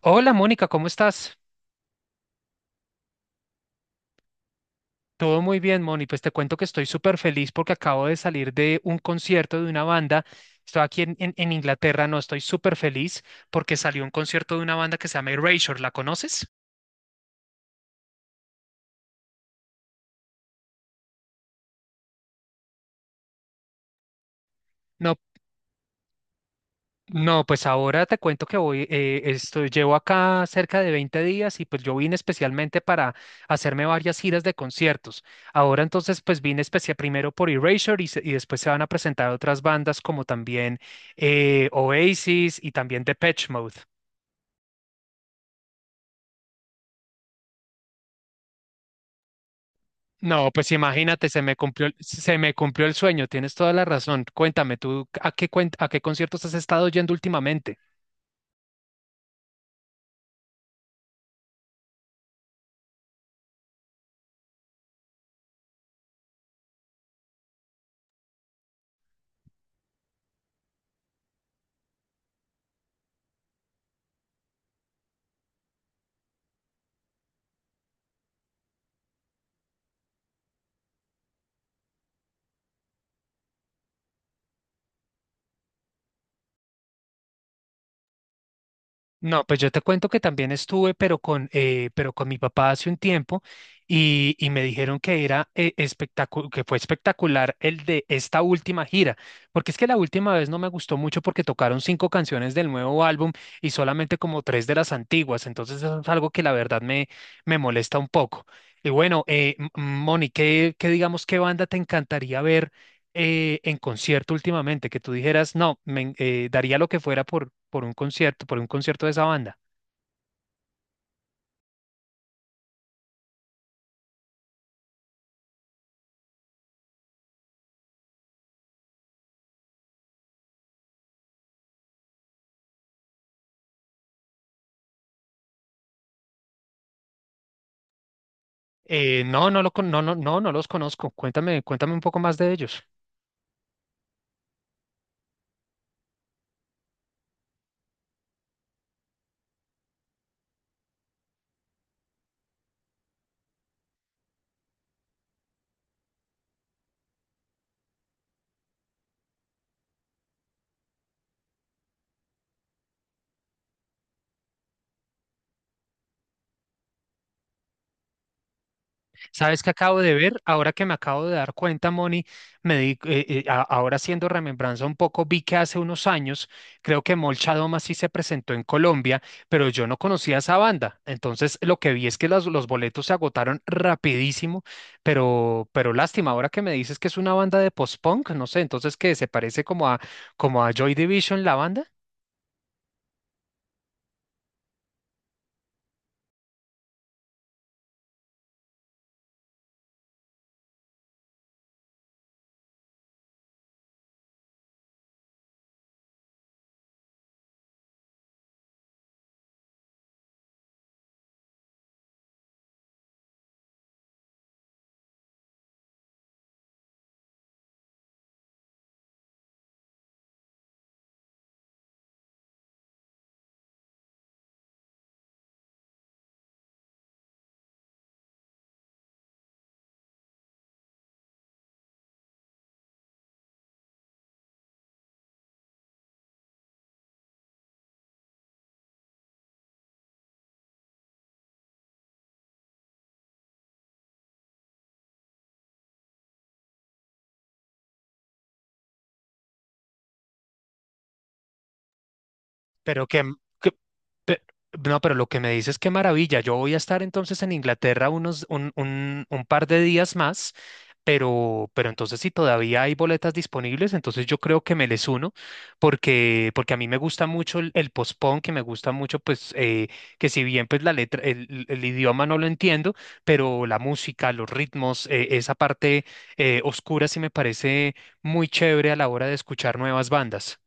Hola Mónica, ¿cómo estás? Todo muy bien, Moni. Pues te cuento que estoy súper feliz porque acabo de salir de un concierto de una banda. Estoy aquí en Inglaterra, no, estoy súper feliz porque salió un concierto de una banda que se llama Erasure. ¿La conoces? No, no, pues ahora te cuento que llevo acá cerca de 20 días y pues yo vine especialmente para hacerme varias giras de conciertos. Ahora entonces pues vine especial primero por Erasure y después se van a presentar otras bandas como también Oasis y también Depeche Mode. No, pues imagínate, se me cumplió el sueño, tienes toda la razón. Cuéntame, ¿tú a qué conciertos has estado yendo últimamente? No, pues yo te cuento que también estuve, pero con mi papá hace un tiempo y me dijeron que era espectacular, que fue espectacular el de esta última gira, porque es que la última vez no me gustó mucho porque tocaron 5 canciones del nuevo álbum y solamente como tres de las antiguas, entonces eso es algo que la verdad me molesta un poco. Y bueno, Moni, ¿qué digamos, qué banda te encantaría ver en concierto últimamente que tú dijeras, no, daría lo que fuera por un concierto, por un concierto, de esa banda? No, no lo, con- no, no, no, no los conozco. Cuéntame, cuéntame un poco más de ellos. ¿Sabes qué acabo de ver? Ahora que me acabo de dar cuenta, Moni, ahora haciendo remembranza un poco, vi que hace unos años, creo que Molcha Doma sí se presentó en Colombia, pero yo no conocía esa banda. Entonces, lo que vi es que los boletos se agotaron rapidísimo, pero lástima, ahora que me dices que es una banda de post-punk, no sé, entonces que se parece como a Joy Division, la banda. Pero que, que- pe- no, pero lo que me dices, qué maravilla. Yo voy a estar entonces en Inglaterra un par de días más, pero entonces si todavía hay boletas disponibles, entonces yo creo que me les uno, porque a mí me gusta mucho el postpone, que me gusta mucho, pues, que si bien pues la letra, el idioma no lo entiendo, pero la música, los ritmos, esa parte oscura sí me parece muy chévere a la hora de escuchar nuevas bandas.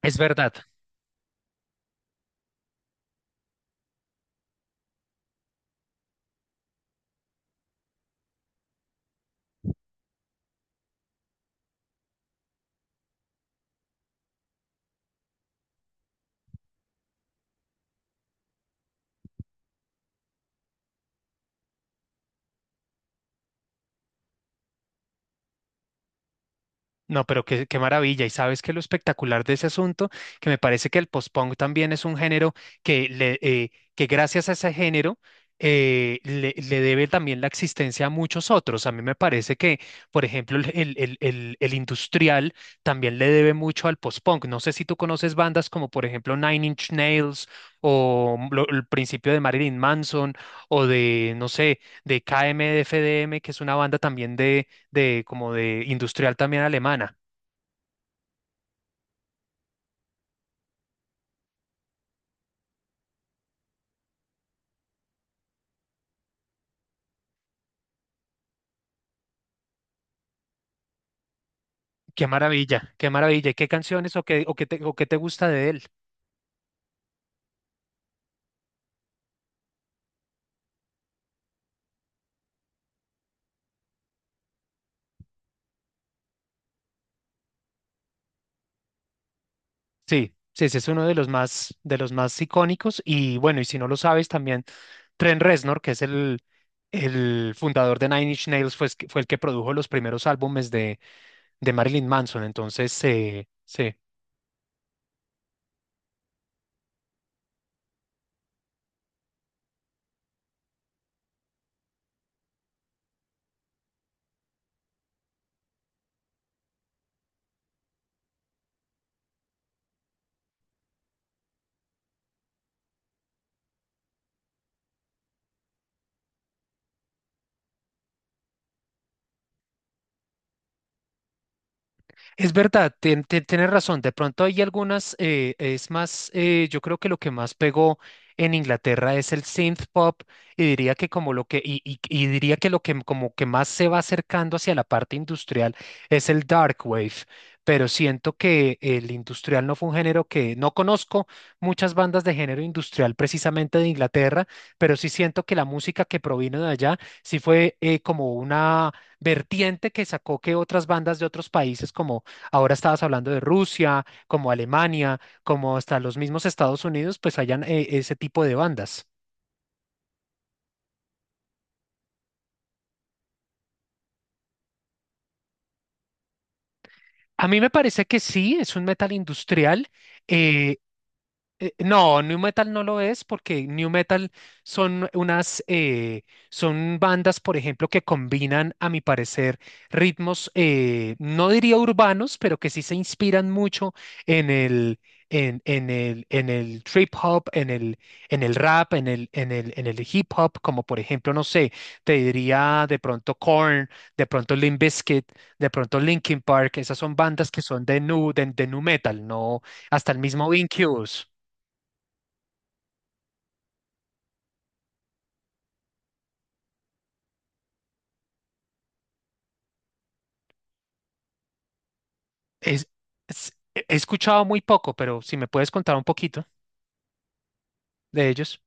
Es verdad. No, pero qué, qué maravilla. Y sabes que lo espectacular de ese asunto, que me parece que el post-punk también es un género que gracias a ese género le debe también la existencia a muchos otros. A mí me parece que, por ejemplo, el industrial también le debe mucho al post-punk. No sé si tú conoces bandas como, por ejemplo, Nine Inch Nails o el principio de Marilyn Manson o de, no sé, de KMFDM, que es una banda también de como de industrial también alemana. Qué maravilla, qué maravilla. ¿Y qué canciones o qué te gusta de él? Sí, sí, ese es uno de los más icónicos. Y bueno, y si no lo sabes, también Trent Reznor, que es el fundador de Nine Inch Nails, fue el que produjo los primeros álbumes de Marilyn Manson. Entonces, sí. Es verdad, tienes razón. De pronto hay algunas, es más, yo creo que lo que más pegó en Inglaterra es el synth pop y diría que como lo que y diría que lo que como que más se va acercando hacia la parte industrial es el dark wave. Pero siento que el industrial no fue un género que no conozco muchas bandas de género industrial precisamente de Inglaterra, pero sí siento que la música que provino de allá sí fue como una vertiente que sacó que otras bandas de otros países como ahora estabas hablando de Rusia, como Alemania, como hasta los mismos Estados Unidos, pues hayan ese tipo de bandas. A mí me parece que sí, es un metal industrial. eh, no, New Metal no lo es porque New Metal son son bandas, por ejemplo, que combinan, a mi parecer, ritmos, no diría urbanos, pero que sí se inspiran mucho en el trip hop, en el rap, en el hip hop, como por ejemplo, no sé, te diría de pronto Korn, de pronto Limp Bizkit, de pronto Linkin Park, esas son bandas que son de nu metal, no, hasta el mismo Incubus. Es, He escuchado muy poco, pero si me puedes contar un poquito de ellos.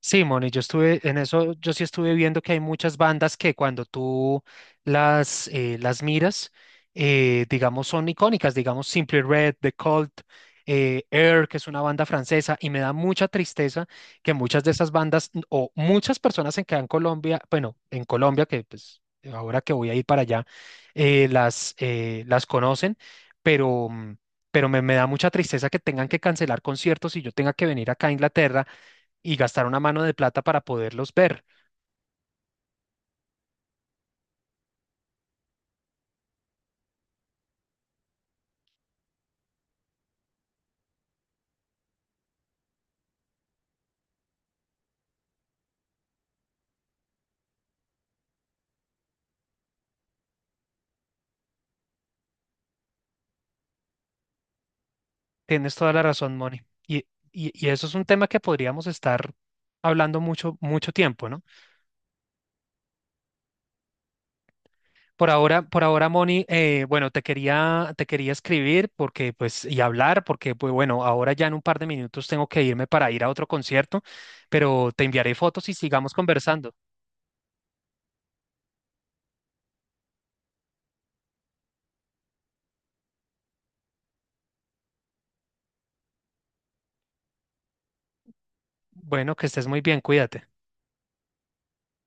Sí, Moni, yo estuve en eso, yo sí estuve viendo que hay muchas bandas que cuando tú las miras, digamos, son icónicas, digamos, Simply Red, The Cult, Air, que es una banda francesa, y me da mucha tristeza que muchas de esas bandas, o muchas personas en Colombia, bueno, en Colombia, que pues ahora que voy a ir para allá, las conocen, pero... mm, pero me da mucha tristeza que tengan que cancelar conciertos y yo tenga que venir acá a Inglaterra y gastar una mano de plata para poderlos ver. Tienes toda la razón, Moni. Y, y eso es un tema que podríamos estar hablando mucho, mucho tiempo, ¿no? Por ahora, Moni, bueno, te quería escribir porque, pues, y hablar porque, pues, bueno, ahora ya en un par de minutos tengo que irme para ir a otro concierto, pero te enviaré fotos y sigamos conversando. Bueno, que estés muy bien, cuídate.